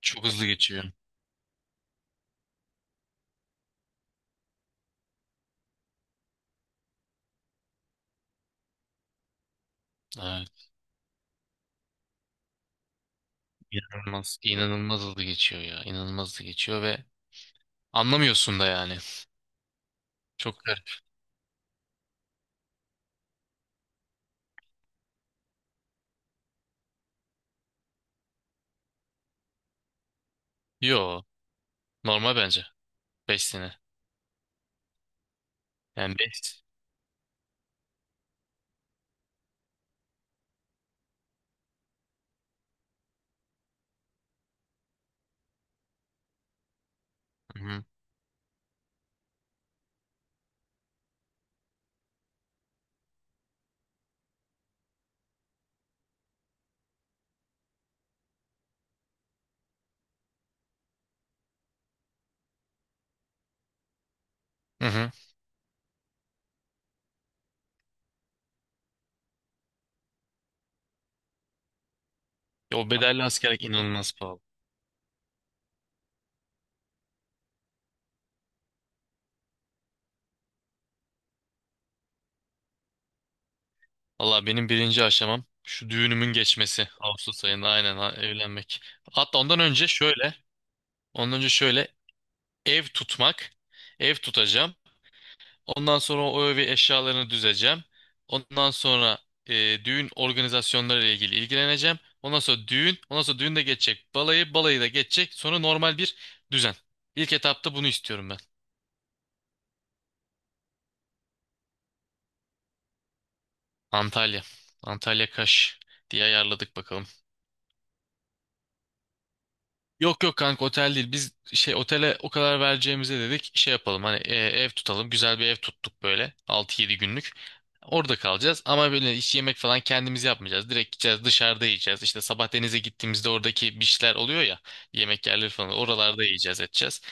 Çok hızlı geçiyor. Evet. İnanılmaz hızlı geçiyor ya. İnanılmaz hızlı geçiyor ve anlamıyorsun da yani. Çok garip. Yo. Normal bence. 5 sene. Yani 5. Hı hı. Hı hı. Ya o bedelli askerlik inanılmaz pahalı. Allah, benim birinci aşamam şu düğünümün geçmesi. Ağustos ayında, aynen, evlenmek. Hatta ondan önce şöyle. Ondan önce şöyle, ev tutmak. Ev tutacağım. Ondan sonra o evi, eşyalarını düzeceğim. Ondan sonra düğün organizasyonları ile ilgili ilgileneceğim. Ondan sonra düğün, ondan sonra düğün de geçecek, balayı, balayı da geçecek. Sonra normal bir düzen. İlk etapta bunu istiyorum ben. Antalya. Antalya Kaş diye ayarladık, bakalım. Yok yok kanka, otel değil. Biz şey, otele o kadar vereceğimize dedik şey yapalım, hani ev tutalım. Güzel bir ev tuttuk böyle, 6-7 günlük. Orada kalacağız ama böyle hiç yemek falan kendimiz yapmayacağız. Direkt gideceğiz, dışarıda yiyeceğiz. İşte sabah denize gittiğimizde oradaki beachler oluyor ya, yemek yerleri falan, oralarda yiyeceğiz, edeceğiz.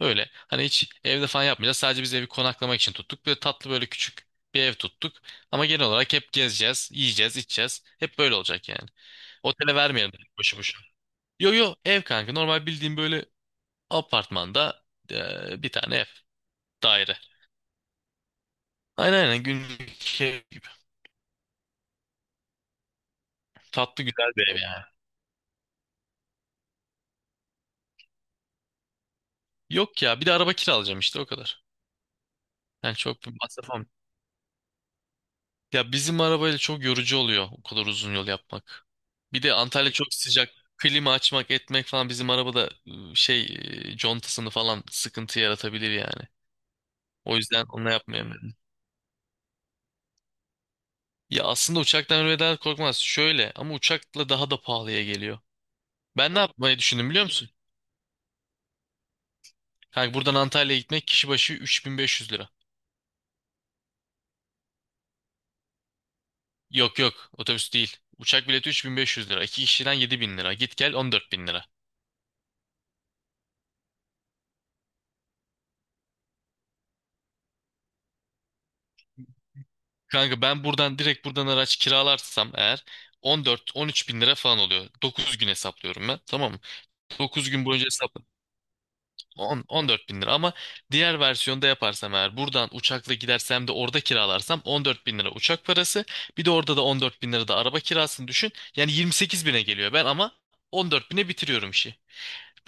Böyle hani hiç evde falan yapmayacağız. Sadece biz evi konaklamak için tuttuk. Böyle tatlı, böyle küçük bir ev tuttuk. Ama genel olarak hep gezeceğiz, yiyeceğiz, içeceğiz. Hep böyle olacak yani. Otele vermeyelim boşu boşuna. Yo yo, ev kanka, normal bildiğim böyle apartmanda bir tane ev, daire. Aynen aynen, günlük ev gibi. Tatlı, güzel bir ev yani. Yok ya, bir de araba kiralayacağım işte, o kadar. Yani çok bir masraf olmuyor. Ya bizim arabayla çok yorucu oluyor o kadar uzun yol yapmak. Bir de Antalya çok sıcak. Klima açmak etmek falan bizim arabada, şey, contasını falan sıkıntı yaratabilir yani. O yüzden onu yapmayayım dedim. Ya aslında uçaktan ölmeden korkmaz. Şöyle, ama uçakla daha da pahalıya geliyor. Ben ne yapmayı düşündüm biliyor musun? Kanka buradan Antalya'ya gitmek kişi başı 3.500 lira. Yok yok, otobüs değil. Uçak bileti 3.500 lira. İki kişiden 7.000 lira. Git gel 14.000 lira. Kanka ben buradan direkt, buradan araç kiralarsam eğer 14-13 bin lira falan oluyor. 9 gün hesaplıyorum ben, tamam mı? 9 gün boyunca hesap 14 bin lira, ama diğer versiyonda yaparsam eğer, buradan uçakla gidersem de orada kiralarsam, 14 bin lira uçak parası, bir de orada da 14 bin lira da araba kirasını düşün, yani 28 bine geliyor. Ben ama 14 bine bitiriyorum işi.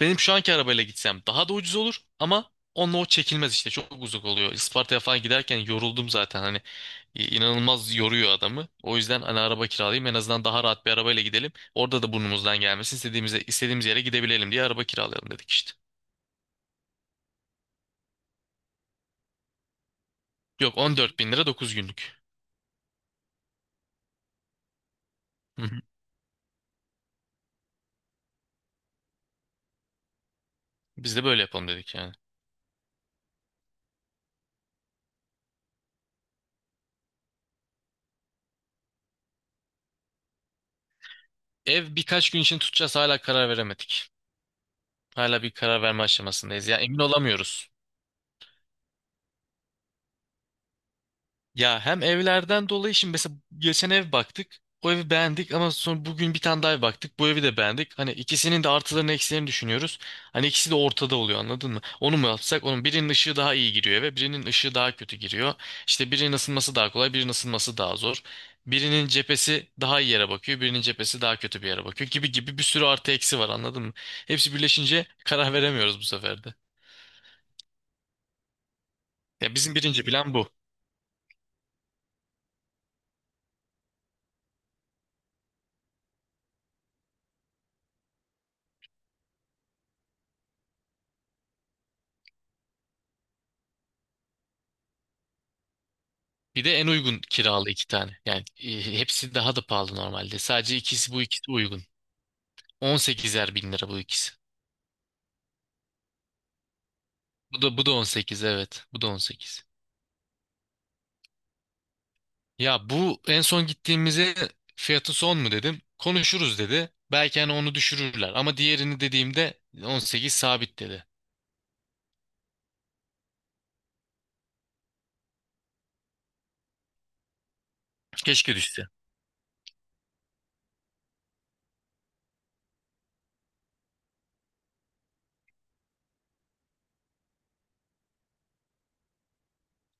Benim şu anki arabayla gitsem daha da ucuz olur ama onunla o çekilmez işte, çok uzak oluyor. Isparta'ya falan giderken yoruldum zaten, hani inanılmaz yoruyor adamı. O yüzden hani araba kiralayayım, en azından daha rahat bir arabayla gidelim. Orada da burnumuzdan gelmesin istediğimize, istediğimiz yere gidebilelim diye araba kiralayalım dedik işte. Yok, 14 bin lira 9 günlük. Hı hı. Biz de böyle yapalım dedik yani. Ev birkaç gün için tutacağız, hala karar veremedik. Hala bir karar verme aşamasındayız. Ya emin olamıyoruz. Ya hem evlerden dolayı, şimdi mesela geçen ev baktık. O evi beğendik ama sonra bugün bir tane daha ev baktık. Bu evi de beğendik. Hani ikisinin de artılarını eksilerini düşünüyoruz. Hani ikisi de ortada oluyor, anladın mı? Onu mu yapsak? Onun birinin ışığı daha iyi giriyor eve, birinin ışığı daha kötü giriyor. İşte birinin ısınması daha kolay, birinin ısınması daha zor. Birinin cephesi daha iyi yere bakıyor, birinin cephesi daha kötü bir yere bakıyor, gibi gibi bir sürü artı eksi var, anladın mı? Hepsi birleşince karar veremiyoruz bu sefer de. Ya bizim birinci plan bu. Bir de en uygun kiralı iki tane. Yani hepsi daha da pahalı normalde. Sadece ikisi, bu ikisi uygun. 18'er bin lira bu ikisi. Bu da, bu da 18, evet. Bu da 18. Ya bu en son gittiğimize fiyatı son mu dedim. Konuşuruz dedi. Belki hani onu düşürürler. Ama diğerini dediğimde 18 sabit dedi. Keşke düşse.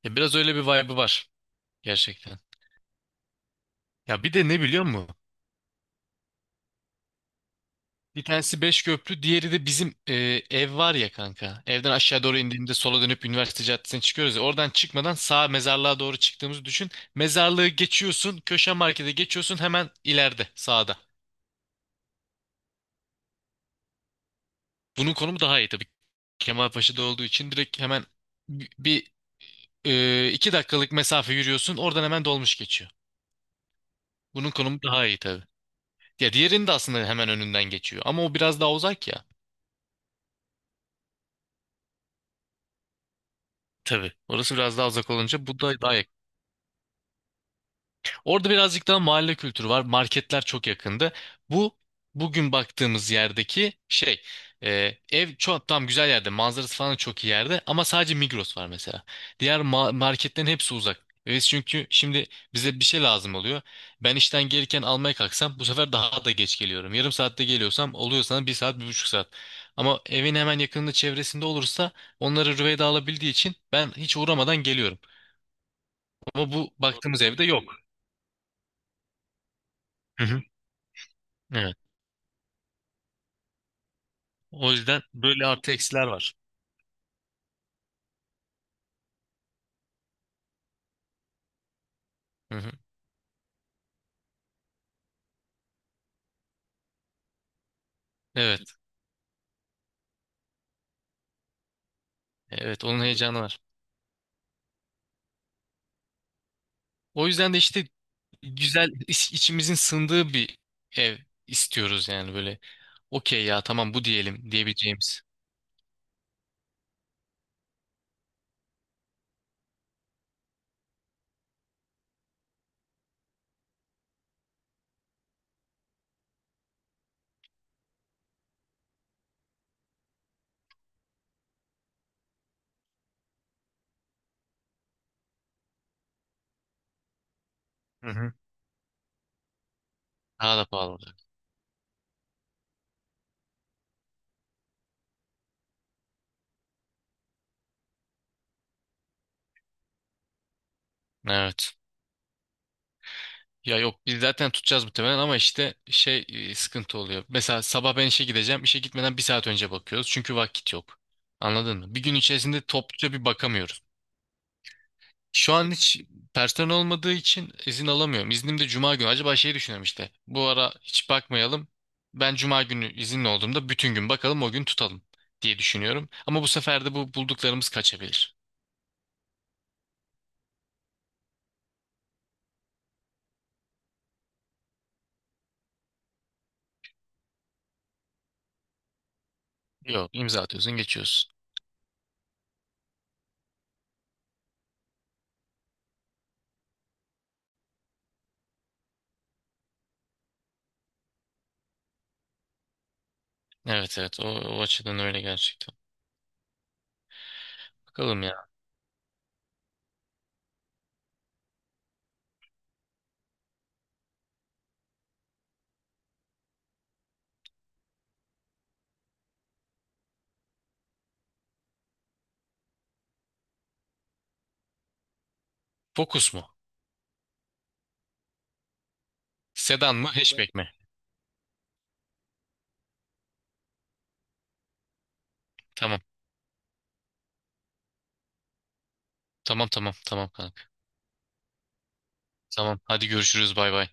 Ya biraz öyle bir vibe'ı var gerçekten. Ya bir de ne biliyor musun? Bir tanesi Beşköprü, diğeri de bizim ev var ya kanka. Evden aşağı doğru indiğimde sola dönüp üniversite caddesine çıkıyoruz ya. Oradan çıkmadan sağ mezarlığa doğru çıktığımızı düşün. Mezarlığı geçiyorsun, köşe markete geçiyorsun, hemen ileride sağda. Bunun konumu daha iyi tabii. Kemalpaşa'da olduğu için direkt hemen bir, 2 dakikalık mesafe yürüyorsun. Oradan hemen dolmuş geçiyor. Bunun konumu daha iyi tabii. Ya diğerinin de aslında hemen önünden geçiyor. Ama o biraz daha uzak ya. Tabii. Orası biraz daha uzak olunca bu da daha. Orada birazcık daha mahalle kültürü var. Marketler çok yakındı. Bu bugün baktığımız yerdeki şey, ev çok tam güzel yerde. Manzarası falan çok iyi yerde ama sadece Migros var mesela. Diğer marketlerin hepsi uzak. Evet, çünkü şimdi bize bir şey lazım oluyor. Ben işten gelirken almaya kalksam bu sefer daha da geç geliyorum. Yarım saatte geliyorsam oluyor sana bir saat bir buçuk saat. Ama evin hemen yakınında, çevresinde olursa onları Rüveyda alabildiği için ben hiç uğramadan geliyorum. Ama bu baktığımız evde yok. Hı hı. Evet. O yüzden böyle artı eksiler var. Hı hı. Evet. Evet, onun heyecanı var. O yüzden de işte güzel, içimizin sığındığı bir ev istiyoruz yani böyle. Okey ya, tamam bu diyelim diyebileceğimiz. Hı hı. Daha da pahalı olacak. Evet. Ya yok, biz zaten tutacağız muhtemelen ama işte şey, sıkıntı oluyor. Mesela sabah ben işe gideceğim. İşe gitmeden bir saat önce bakıyoruz. Çünkü vakit yok. Anladın mı? Bir gün içerisinde topluca bir bakamıyoruz. Şu an hiç personel olmadığı için izin alamıyorum. İznim de cuma günü. Acaba şey düşünüyorum işte. Bu ara hiç bakmayalım. Ben cuma günü izinli olduğumda bütün gün bakalım, o gün tutalım diye düşünüyorum. Ama bu sefer de bu bulduklarımız kaçabilir. Yok, imza atıyorsun, geçiyorsun. Evet evet, o açıdan öyle gerçekten. Bakalım ya. Fokus mu? Sedan mı, hatchback mi? Tamam. Tamam tamam tamam kanka. Tamam. Hadi görüşürüz. Bay bay.